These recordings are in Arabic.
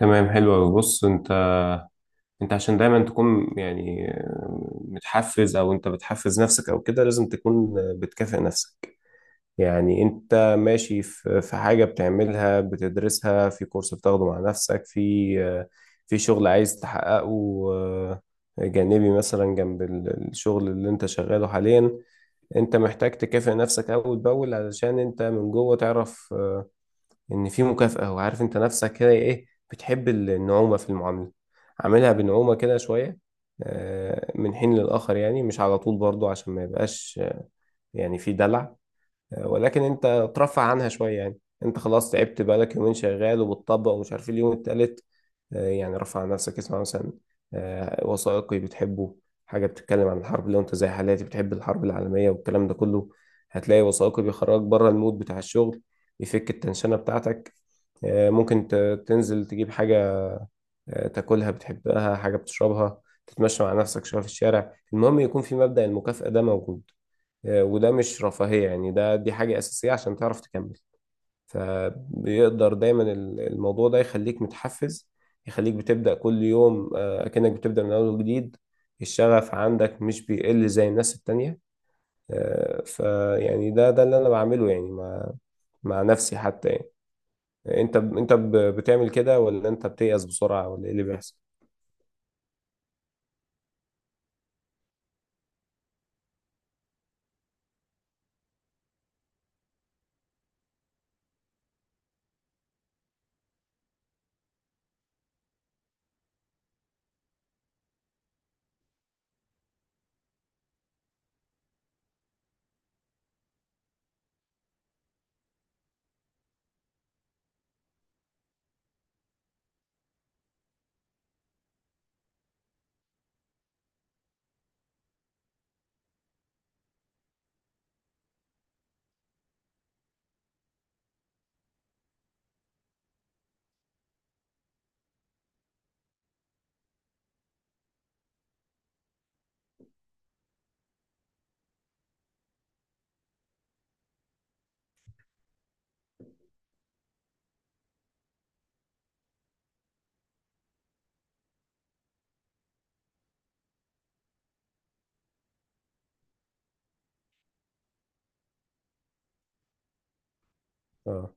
تمام، حلو أوي. بص، انت عشان دايما تكون متحفز او انت بتحفز نفسك او كده، لازم تكون بتكافئ نفسك. يعني انت ماشي في حاجة بتعملها، بتدرسها في كورس بتاخده مع نفسك، في شغل عايز تحققه، آه، جانبي مثلا جنب الشغل اللي انت شغاله حاليا. انت محتاج تكافئ نفسك اول باول، علشان انت من جوه تعرف ان في مكافأة، وعارف انت نفسك كده ايه. بتحب النعومة في المعاملة، عاملها بنعومة كده شوية، من حين للآخر، يعني مش على طول برضو عشان ما يبقاش يعني في دلع، ولكن انت ترفع عنها شويه يعني. انت خلاص تعبت، بقالك يومين شغال وبتطبق ومش عارف إيه اليوم التالت. يعني رفع عن نفسك، اسمع مثلا وثائقي بتحبه، حاجه بتتكلم عن الحرب لو انت زي حالاتي بتحب الحرب العالميه والكلام ده كله، هتلاقي وثائقي بيخرجك بره المود بتاع الشغل، يفك التنشنه بتاعتك. ممكن تنزل تجيب حاجه، تاكلها بتحبها، حاجه بتشربها، تتمشى مع نفسك شويه في الشارع. المهم يكون في مبدأ المكافأة ده موجود. وده مش رفاهية يعني، ده دي حاجة أساسية عشان تعرف تكمل. فبيقدر دايما الموضوع ده يخليك متحفز، يخليك بتبدأ كل يوم أكنك بتبدأ من أول وجديد، الشغف عندك مش بيقل زي الناس التانية. فيعني ده اللي أنا بعمله يعني مع مع نفسي حتى يعني. أنت بتعمل كده ولا أنت بتيأس بسرعة ولا إيه اللي بيحصل؟ أه.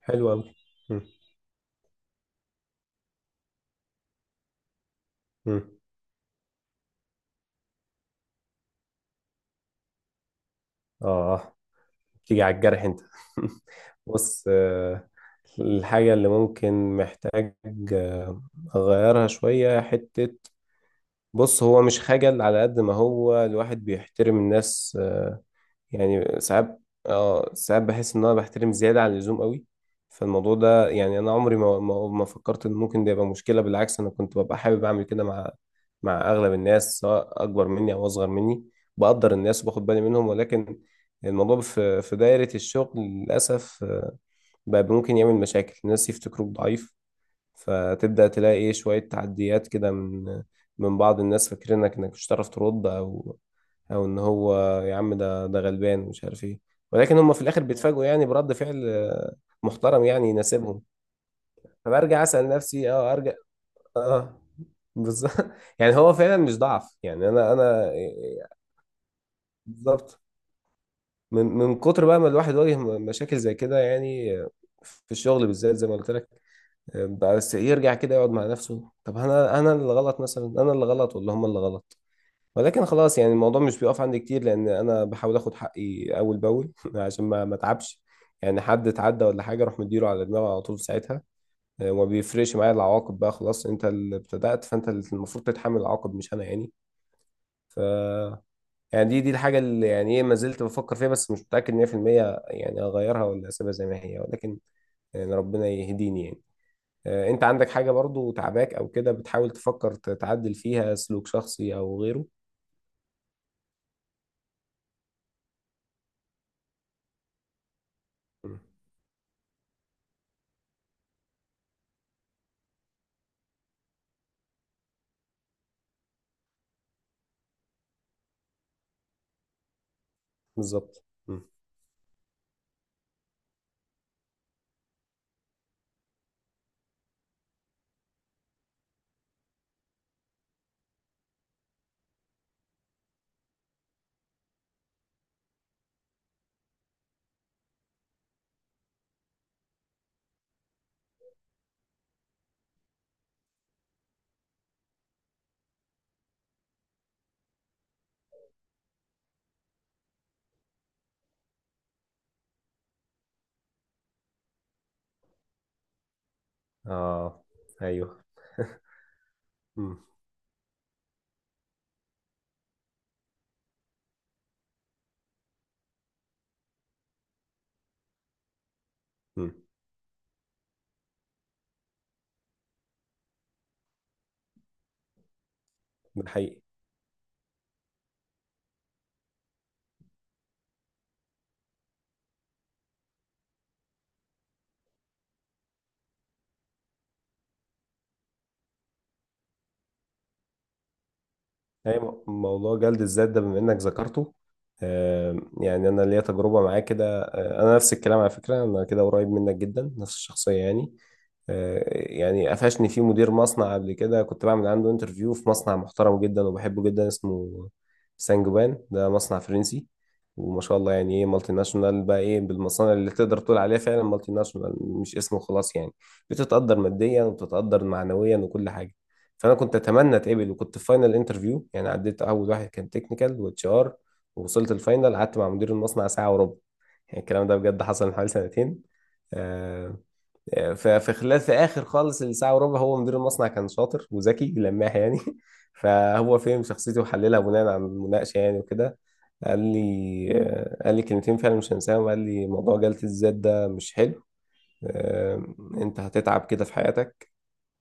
حلو أوي. مم. مم. آه آه. تيجي على الجرح انت. بص، الحاجة اللي ممكن محتاج آه، أغيرها شوية حتة. بص، هو مش خجل، على قد ما هو الواحد بيحترم الناس. يعني ساعات، اه ساعات بحس ان انا بحترم زياده عن اللزوم قوي. فالموضوع ده يعني انا عمري ما فكرت ان ممكن ده يبقى مشكله، بالعكس انا كنت ببقى حابب اعمل كده مع مع اغلب الناس، سواء اكبر مني او اصغر مني. بقدر الناس وباخد بالي منهم، ولكن الموضوع في دايره الشغل للاسف بقى ممكن يعمل مشاكل. الناس يفتكروك ضعيف، فتبدأ تلاقي ايه شوية تعديات كده من من بعض الناس فاكرينك انك مش هتعرف ترد، او او ان هو يا عم ده ده غلبان مش عارف ايه. ولكن هم في الاخر بيتفاجئوا يعني برد فعل محترم يعني يناسبهم. فبرجع اسأل نفسي، اه ارجع. اه بالظبط. يعني هو فعلا مش ضعف، يعني انا بالظبط. من من كتر بقى ما الواحد واجه مشاكل زي كده يعني، في الشغل بالذات زي ما قلت لك. بس يرجع كده يقعد مع نفسه، طب انا اللي غلط مثلا، انا اللي غلط ولا هم اللي غلط؟ ولكن خلاص يعني الموضوع مش بيقف عندي كتير، لان انا بحاول اخد حقي اول باول عشان ما اتعبش يعني. حد اتعدى ولا حاجه، اروح مديله على دماغه على طول في ساعتها. وما بيفرقش معايا العواقب. بقى خلاص انت اللي ابتدأت فانت اللي المفروض تتحمل العواقب مش انا يعني. ف يعني دي الحاجه اللي يعني ايه ما زلت بفكر فيها، بس مش متأكد 100%، يعني اغيرها ولا اسيبها زي ما هي؟ ولكن يعني ربنا يهديني يعني. انت عندك حاجة برضو تعباك او كده بتحاول تفكر تعدل فيها، سلوك شخصي او غيره؟ مم. بالظبط. مم. اه. ايوه. مم. مم. ده حقيقي. أي موضوع جلد الذات ده بما إنك ذكرته، يعني أنا ليا تجربة معاه كده. أنا نفس الكلام على فكرة، أنا كده قريب منك جدا، نفس الشخصية يعني. يعني قفشني فيه مدير مصنع قبل كده، كنت بعمل عنده انترفيو في مصنع محترم جدا وبحبه جدا، اسمه سانجوان، ده مصنع فرنسي وما شاء الله، يعني ايه مالتي ناشونال بقى، ايه بالمصانع اللي تقدر تقول عليها فعلا مالتي ناشونال مش اسمه خلاص يعني. بتتقدر ماديا وبتتقدر معنويا وكل حاجة. فانا كنت اتمنى اتقبل، وكنت في فاينل انترفيو يعني، عديت اول واحد كان تكنيكال واتش ار، ووصلت الفاينل، قعدت مع مدير المصنع ساعه وربع. يعني الكلام ده بجد حصل من حوالي سنتين. آه، ففي خلال، في اخر خالص الساعه وربع، هو مدير المصنع كان شاطر وذكي لماح يعني. فهو فهم شخصيتي وحللها بناء على المناقشه يعني وكده، قال لي قال لي كلمتين فعلا مش هنساهم. قال لي موضوع جلد الذات ده مش حلو، آه، انت هتتعب كده في حياتك،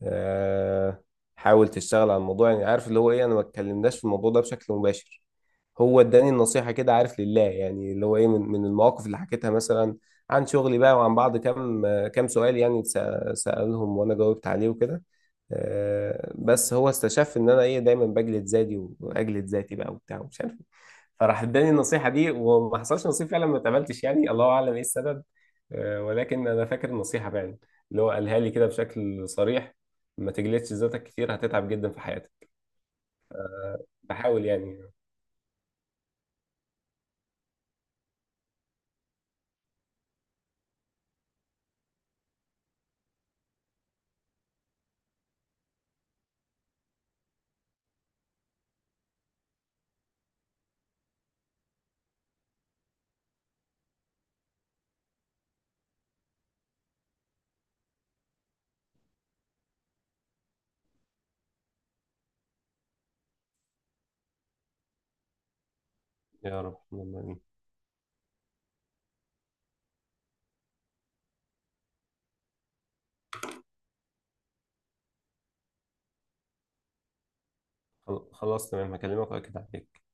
آه، حاول تشتغل على الموضوع. يعني عارف اللي هو ايه، انا ما اتكلمناش في الموضوع ده بشكل مباشر، هو اداني النصيحة كده عارف لله يعني. اللي هو ايه، من من المواقف اللي حكيتها مثلا عن شغلي بقى، وعن بعض كام كام سؤال يعني سألهم وانا جاوبت عليه وكده. بس هو استشف ان انا ايه دايما بجلد ذاتي، واجلد ذاتي بقى وبتاع ومش عارف إيه. فراح اداني النصيحة دي، وما حصلش نصيب فعلا، ما اتقبلتش يعني، الله اعلم ايه السبب. ولكن انا فاكر النصيحة فعلا، اللي هو قالها لي كده بشكل صريح، ما تجلدش ذاتك كتير هتتعب جدا في حياتك. فحاول يعني. يا رب، اللهم امين. خلاص تمام، هكلمك واكد عليك.